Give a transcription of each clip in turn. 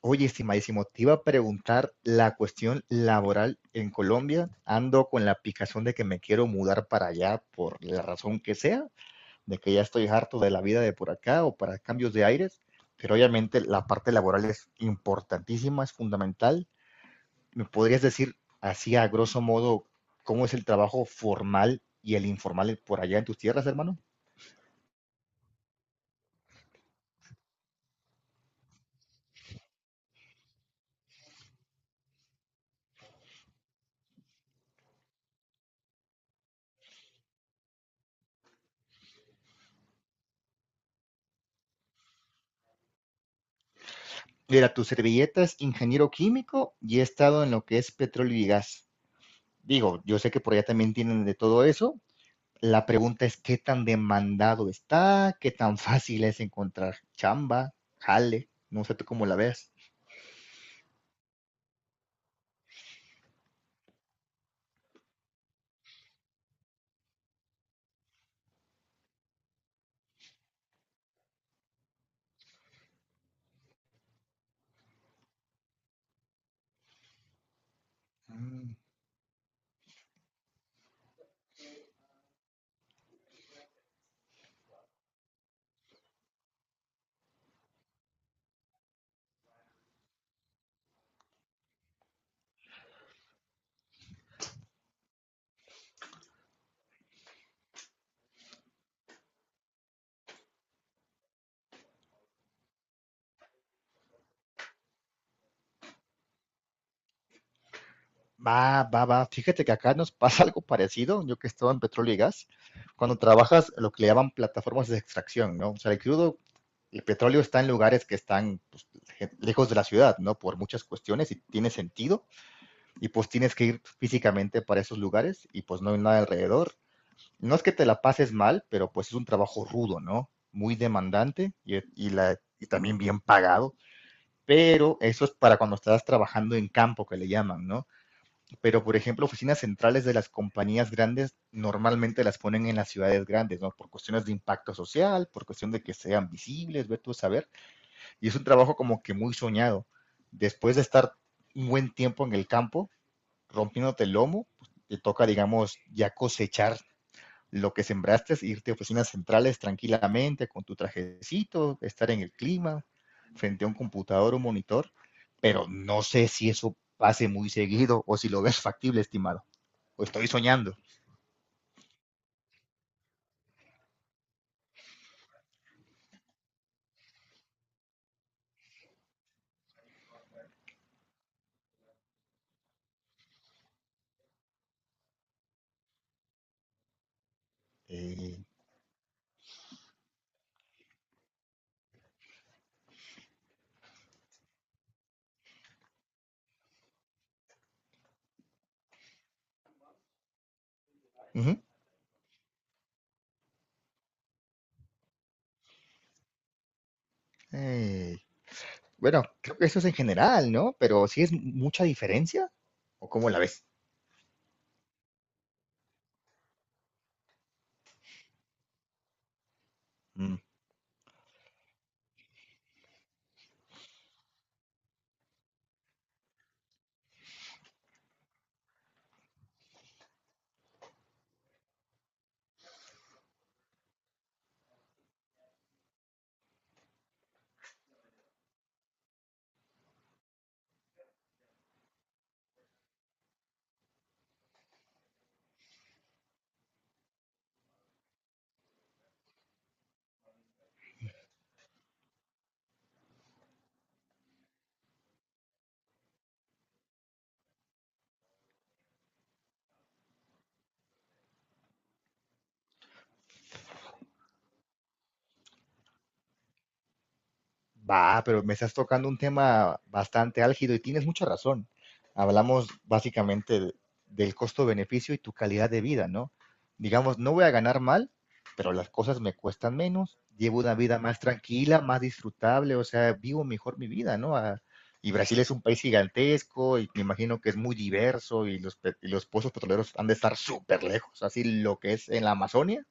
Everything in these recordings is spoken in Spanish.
Oye, estimadísimo, te iba a preguntar la cuestión laboral en Colombia. Ando con la picazón de que me quiero mudar para allá por la razón que sea, de que ya estoy harto de la vida de por acá o para cambios de aires, pero obviamente la parte laboral es importantísima, es fundamental. ¿Me podrías decir así a grosso modo cómo es el trabajo formal y el informal por allá en tus tierras, hermano? Mira, tu servilleta es ingeniero químico y he estado en lo que es petróleo y gas. Digo, yo sé que por allá también tienen de todo eso. La pregunta es qué tan demandado está, qué tan fácil es encontrar chamba, jale, no sé tú cómo la ves. Mm. Va, va, va. Fíjate que acá nos pasa algo parecido. Yo que estaba en petróleo y gas, cuando trabajas lo que le llaman plataformas de extracción, ¿no? O sea, el crudo, el petróleo está en lugares que están, pues, lejos de la ciudad, ¿no? Por muchas cuestiones, y tiene sentido. Y pues tienes que ir físicamente para esos lugares y pues no hay nada alrededor. No es que te la pases mal, pero pues es un trabajo rudo, ¿no? Muy demandante y también bien pagado, pero eso es para cuando estás trabajando en campo, que le llaman, ¿no? Pero, por ejemplo, oficinas centrales de las compañías grandes normalmente las ponen en las ciudades grandes, ¿no? Por cuestiones de impacto social, por cuestión de que sean visibles, ver tú a saber, y es un trabajo como que muy soñado. Después de estar un buen tiempo en el campo, rompiéndote el lomo, pues, te toca, digamos, ya cosechar lo que sembraste, es irte a oficinas centrales tranquilamente con tu trajecito, estar en el clima, frente a un computador o un monitor, pero no sé si eso pase muy seguido o si lo ves factible, estimado, o estoy soñando. Eh, uh -huh. eh, bueno, creo que eso es en general, ¿no? Pero si ¿sí es mucha diferencia o cómo la ves? Mm. Va, pero me estás tocando un tema bastante álgido y tienes mucha razón. Hablamos básicamente de- del costo-beneficio y tu calidad de vida, ¿no? Digamos, no voy a ganar mal, pero las cosas me cuestan menos, llevo una vida más tranquila, más disfrutable, o sea, vivo mejor mi vida, ¿no? Ah, y Brasil es un país gigantesco y me imagino que es muy diverso y los, y los pozos petroleros han de estar súper lejos, así lo que es en la Amazonia,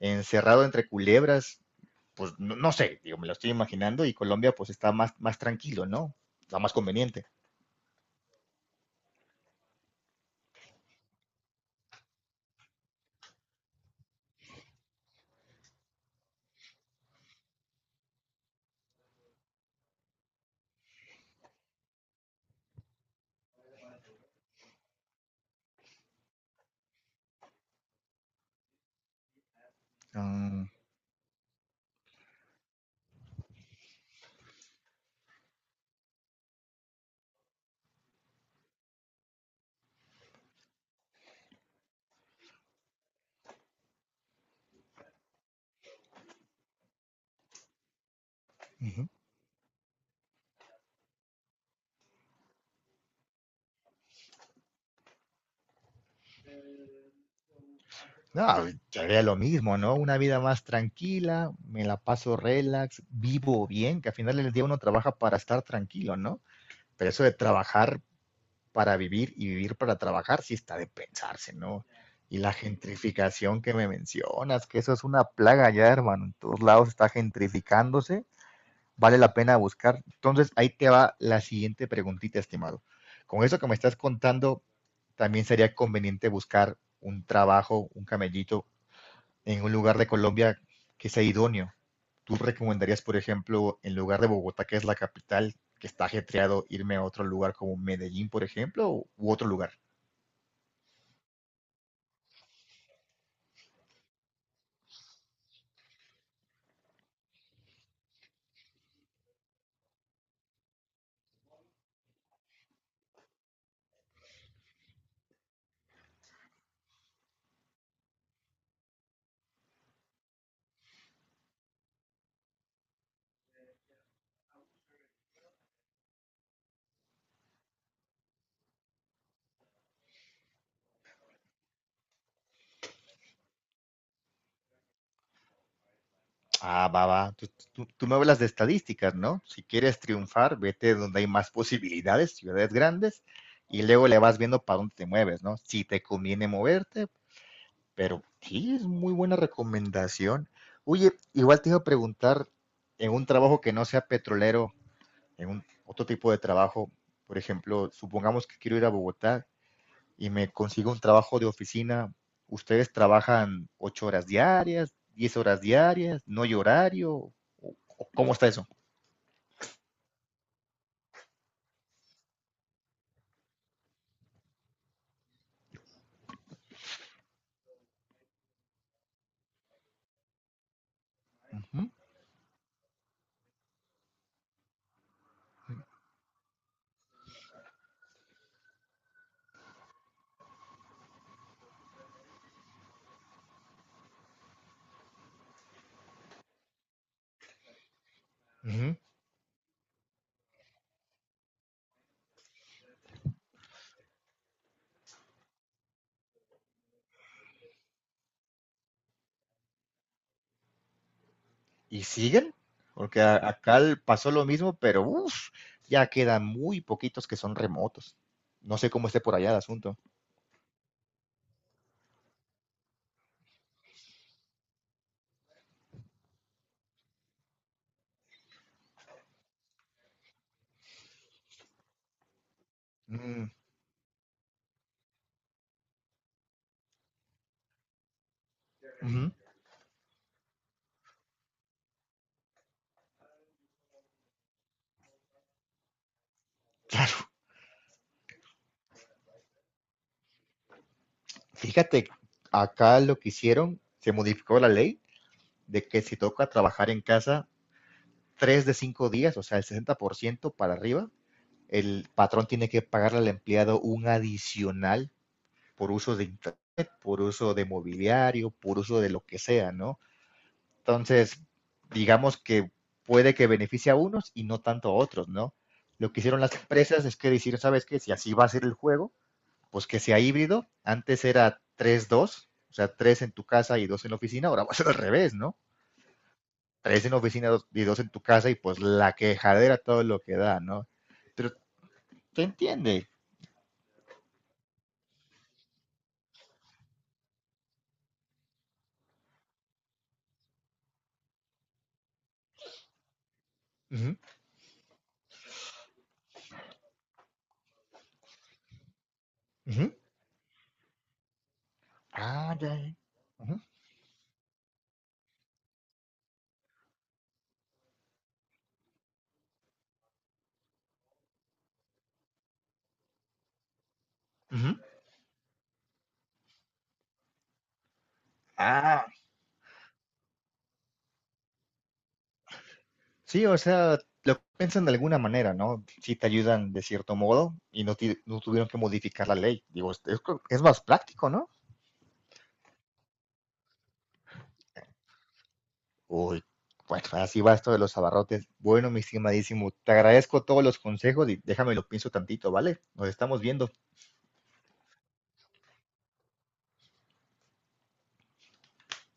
encerrado entre culebras, pues no, no, sé, digo, me lo estoy imaginando. Y Colombia pues está más, más tranquilo, ¿no? Está más conveniente. Uh, uh-huh. No, yo haría lo mismo, ¿no? Una vida más tranquila, me la paso relax, vivo bien, que al final del día uno trabaja para estar tranquilo, ¿no? Pero eso de trabajar para vivir y vivir para trabajar sí está de pensarse, ¿no? Y la gentrificación que me mencionas, que eso es una plaga ya, hermano. En todos lados está gentrificándose, vale la pena buscar. Entonces, ahí te va la siguiente preguntita, estimado. Con eso que me estás contando, también sería conveniente buscar un trabajo, un camellito, en un lugar de Colombia que sea idóneo. ¿Tú recomendarías, por ejemplo, en lugar de Bogotá, que es la capital, que está ajetreado, irme a otro lugar como Medellín, por ejemplo, u otro lugar? Ah, va, va. Tú me hablas de estadísticas, ¿no? Si quieres triunfar, vete donde hay más posibilidades, ciudades grandes, y luego le vas viendo para dónde te mueves, ¿no? Si te conviene moverte, pero sí, es muy buena recomendación. Oye, igual te iba a preguntar, en un trabajo que no sea petrolero, en un otro tipo de trabajo, por ejemplo, supongamos que quiero ir a Bogotá, y me consigo un trabajo de oficina, ¿ustedes trabajan ocho horas diarias, diez horas diarias, no hay horario? ¿Cómo está eso? Ujú, ujú. ¿Y siguen? Porque acá pasó lo mismo, pero uf, ya quedan muy poquitos que son remotos. No sé cómo esté por allá el asunto. Mm, ujú. Claro, fíjate, acá lo que hicieron, se modificó la ley de que si toca trabajar en casa tres de cinco días, o sea, el 60% para arriba, el patrón tiene que pagarle al empleado un adicional por uso de internet, por uso de mobiliario, por uso de lo que sea, ¿no? Entonces, digamos que puede que beneficie a unos y no tanto a otros, ¿no? Lo que hicieron las empresas es que decir, ¿sabes qué? Si así va a ser el juego, pues que sea híbrido. Antes era 3 2, o sea, tres en tu casa y dos en la oficina, ahora va a ser al revés, ¿no? 3 en la oficina y 2 en tu casa, y pues la quejadera todo lo que da, ¿no? Pero te entiende. Uh -huh, uh -huh. Ah, ya, ya. Ujú. Ujú. Ah, sí, o sea, lo piensan de alguna manera, ¿no? Sí te ayudan de cierto modo y no, no tuvieron que modificar la ley. Digo, es es más práctico, ¿no? Uy, bueno, así va esto de los abarrotes. Bueno, mi estimadísimo, te agradezco todos los consejos y déjame lo pienso tantito, ¿vale? Nos estamos viendo.